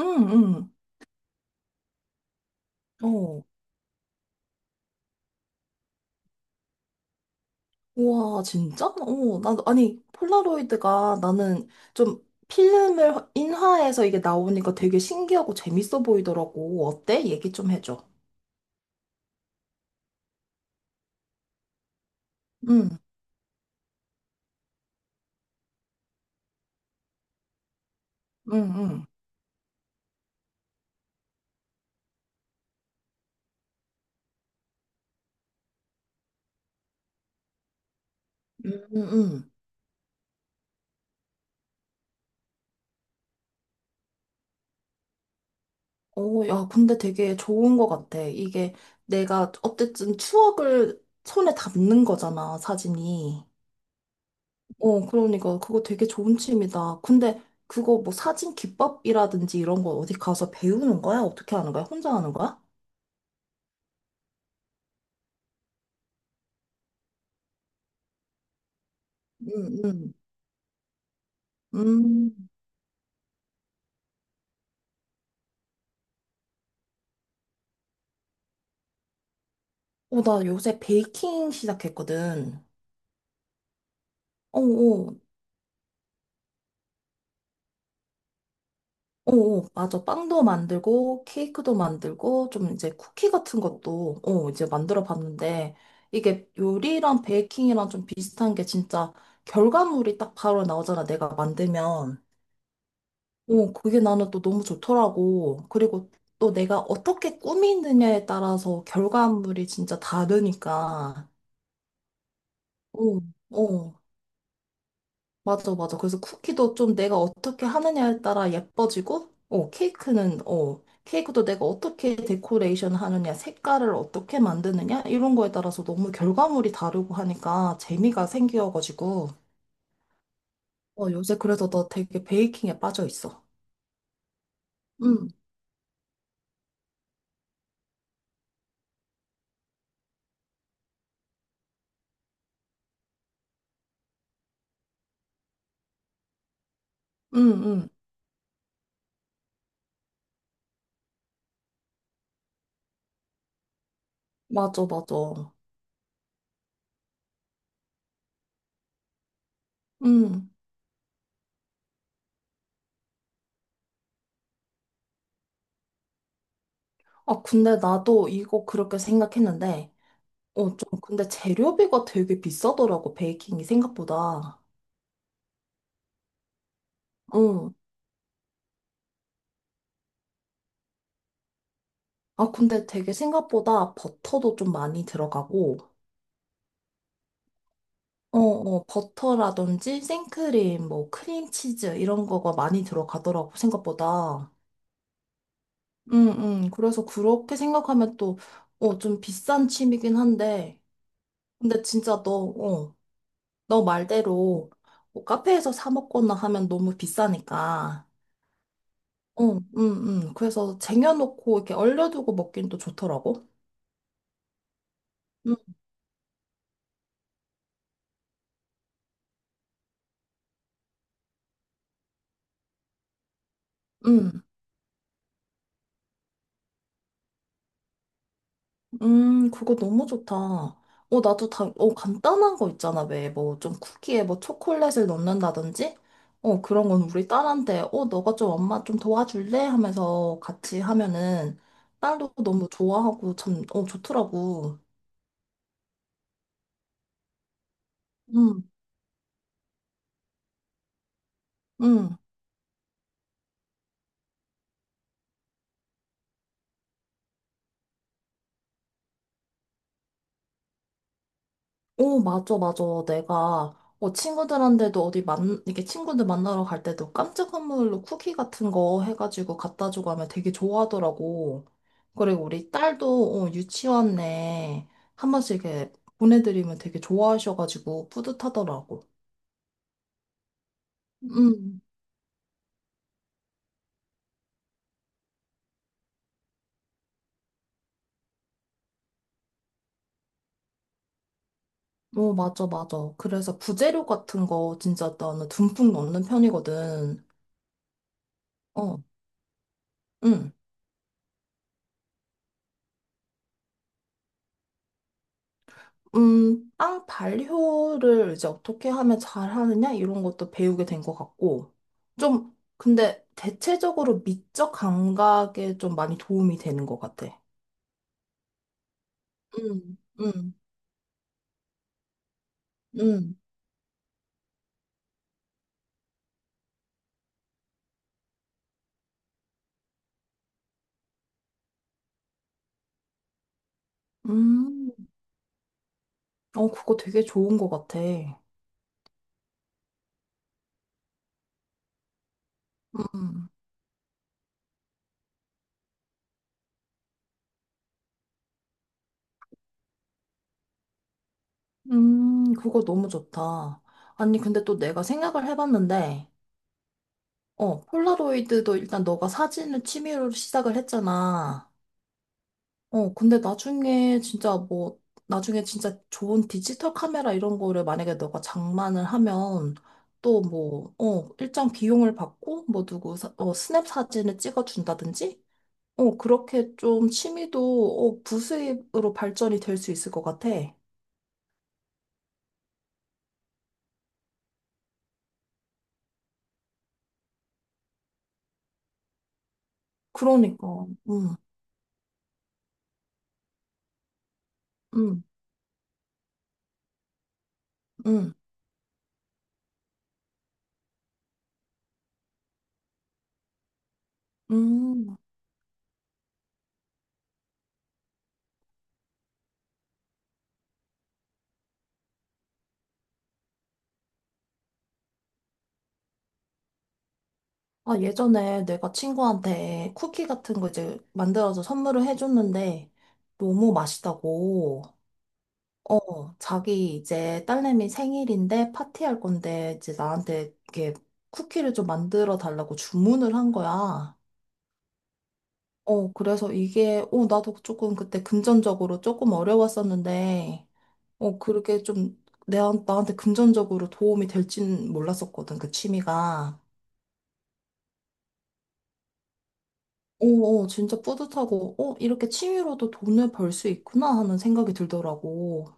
응, 응. 어. 우와, 진짜? 아니, 폴라로이드가 나는 좀 필름을 인화해서 이게 나오니까 되게 신기하고 재밌어 보이더라고. 어때? 얘기 좀 해줘. 응, 응, 응. 응, 응. 야, 근데 되게 좋은 것 같아. 이게 내가 어쨌든 추억을 손에 담는 거잖아, 사진이. 그러니까 그거 되게 좋은 취미다. 근데 그거 뭐 사진 기법이라든지 이런 거 어디 가서 배우는 거야? 어떻게 하는 거야? 혼자 하는 거야? 음, 음, 음. 나 요새 베이킹 시작했거든. 어, 어, 어, 어, 맞아. 빵도 만들고, 케이크도 만들고, 좀 이제 쿠키 같은 것도, 이제 만들어 봤는데, 이게 요리랑 베이킹이랑 좀 비슷한 게 진짜 결과물이 딱 바로 나오잖아. 내가 만들면. 그게 나는 또 너무 좋더라고. 그리고 또 내가 어떻게 꾸미느냐에 따라서 결과물이 진짜 다르니까. 어, 어. 맞아, 맞아. 그래서 쿠키도 좀 내가 어떻게 하느냐에 따라 예뻐지고, 케이크도 내가 어떻게 데코레이션 하느냐, 색깔을 어떻게 만드느냐, 이런 거에 따라서 너무 결과물이 다르고 하니까 재미가 생겨가지고, 요새 그래서 나 되게 베이킹에 빠져 있어. 응, 응, 응. 맞아, 맞아. 응. 아, 근데 나도 이거 그렇게 생각했는데, 좀, 근데 재료비가 되게 비싸더라고, 베이킹이 생각보다. 응. 아, 근데 되게 생각보다 버터도 좀 많이 들어가고, 버터라든지 생크림, 뭐, 크림치즈, 이런 거가 많이 들어가더라고, 생각보다. 그래서 그렇게 생각하면 또, 좀 비싼 취미긴 한데, 근데 진짜 너, 어, 너 말대로, 뭐 카페에서 사 먹거나 하면 너무 비싸니까. 어, 그래서 쟁여놓고 이렇게 얼려두고 먹긴 또 좋더라고. 음, 음. 그거 너무 좋다. 나도 간단한 거 있잖아. 왜, 뭐, 좀 쿠키에 뭐 초콜릿을 넣는다든지? 그런 건 우리 딸한테, 너가 좀 엄마 좀 도와줄래? 하면서 같이 하면은 딸도 너무 좋아하고 참, 좋더라고. 응, 응. 오, 맞아, 맞아. 내가, 친구들한테도 어디 이렇게 친구들 만나러 갈 때도 깜짝 선물로 쿠키 같은 거 해가지고 갖다 주고 하면 되게 좋아하더라고. 그리고 우리 딸도, 유치원 내한 번씩 이렇게 보내드리면 되게 좋아하셔가지고 뿌듯하더라고. 음, 오, 맞아, 맞아. 그래서 부재료 같은 거 진짜 나는 듬뿍 넣는 편이거든. 어, 응. 빵 발효를 이제 어떻게 하면 잘 하느냐? 이런 것도 배우게 된 것 같고. 좀, 근데 대체적으로 미적 감각에 좀 많이 도움이 되는 것 같아. 음, 음, 음, 음. 그거 되게 좋은 것 같아. 음, 그거 너무 좋다. 아니, 근데 또 내가 생각을 해봤는데, 폴라로이드도 일단 너가 사진을 취미로 시작을 했잖아. 근데 나중에 진짜 뭐, 나중에 진짜 좋은 디지털 카메라 이런 거를 만약에 너가 장만을 하면 또 뭐, 일정 비용을 받고 뭐 누구 스냅 사진을 찍어준다든지? 그렇게 좀 취미도 부수입으로 발전이 될 수 있을 것 같아. 그러니까, 음, 음, 음, 음. 아, 예전에 내가 친구한테 쿠키 같은 거 이제 만들어서 선물을 해줬는데 너무 맛있다고. 자기 이제 딸내미 생일인데 파티할 건데 이제 나한테 이렇게 쿠키를 좀 만들어 달라고 주문을 한 거야. 그래서 이게, 나도 조금 그때 금전적으로 조금 어려웠었는데, 그렇게 좀 나한테 금전적으로 도움이 될진 몰랐었거든, 그 취미가. 진짜 뿌듯하고, 이렇게 취미로도 돈을 벌 수 있구나 하는 생각이 들더라고.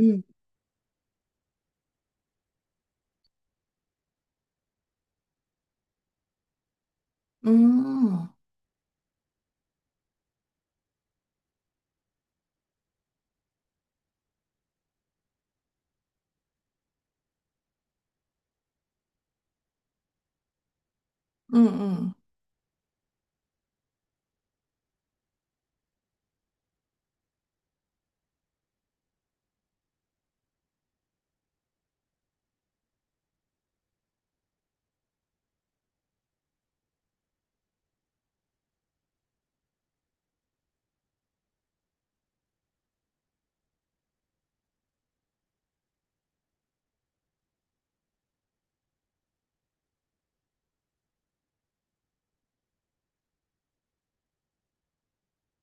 응 음, 응 응.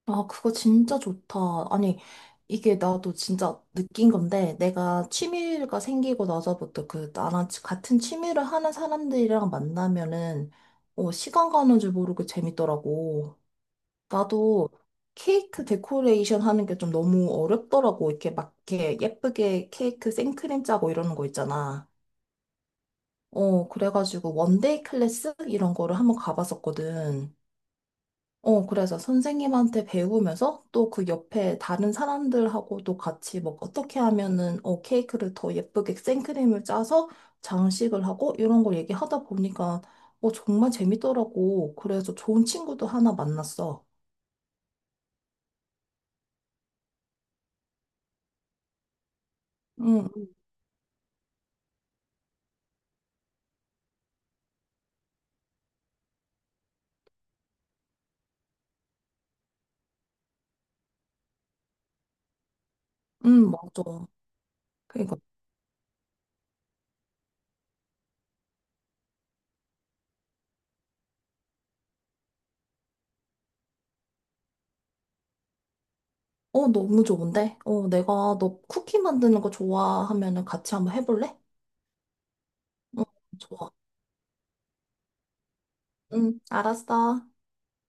아, 그거 진짜 좋다. 아니, 이게 나도 진짜 느낀 건데, 내가 취미가 생기고 나서부터 그, 나랑 같은 취미를 하는 사람들이랑 만나면은, 시간 가는 줄 모르고 재밌더라고. 나도 케이크 데코레이션 하는 게 좀 너무 어렵더라고. 이렇게 막, 이렇게 예쁘게 케이크 생크림 짜고 이러는 거 있잖아. 그래가지고 원데이 클래스? 이런 거를 한번 가봤었거든. 그래서 선생님한테 배우면서 또 그 옆에 다른 사람들하고도 같이 뭐 어떻게 하면은 케이크를 더 예쁘게 생크림을 짜서 장식을 하고 이런 걸 얘기하다 보니까 정말 재밌더라고. 그래서 좋은 친구도 하나 만났어. 응, 응, 응, 맞아. 그러니까 너무 좋은데? 내가 너 쿠키 만드는 거 좋아하면은 같이 한번 해볼래? 응, 좋아. 응, 알았어.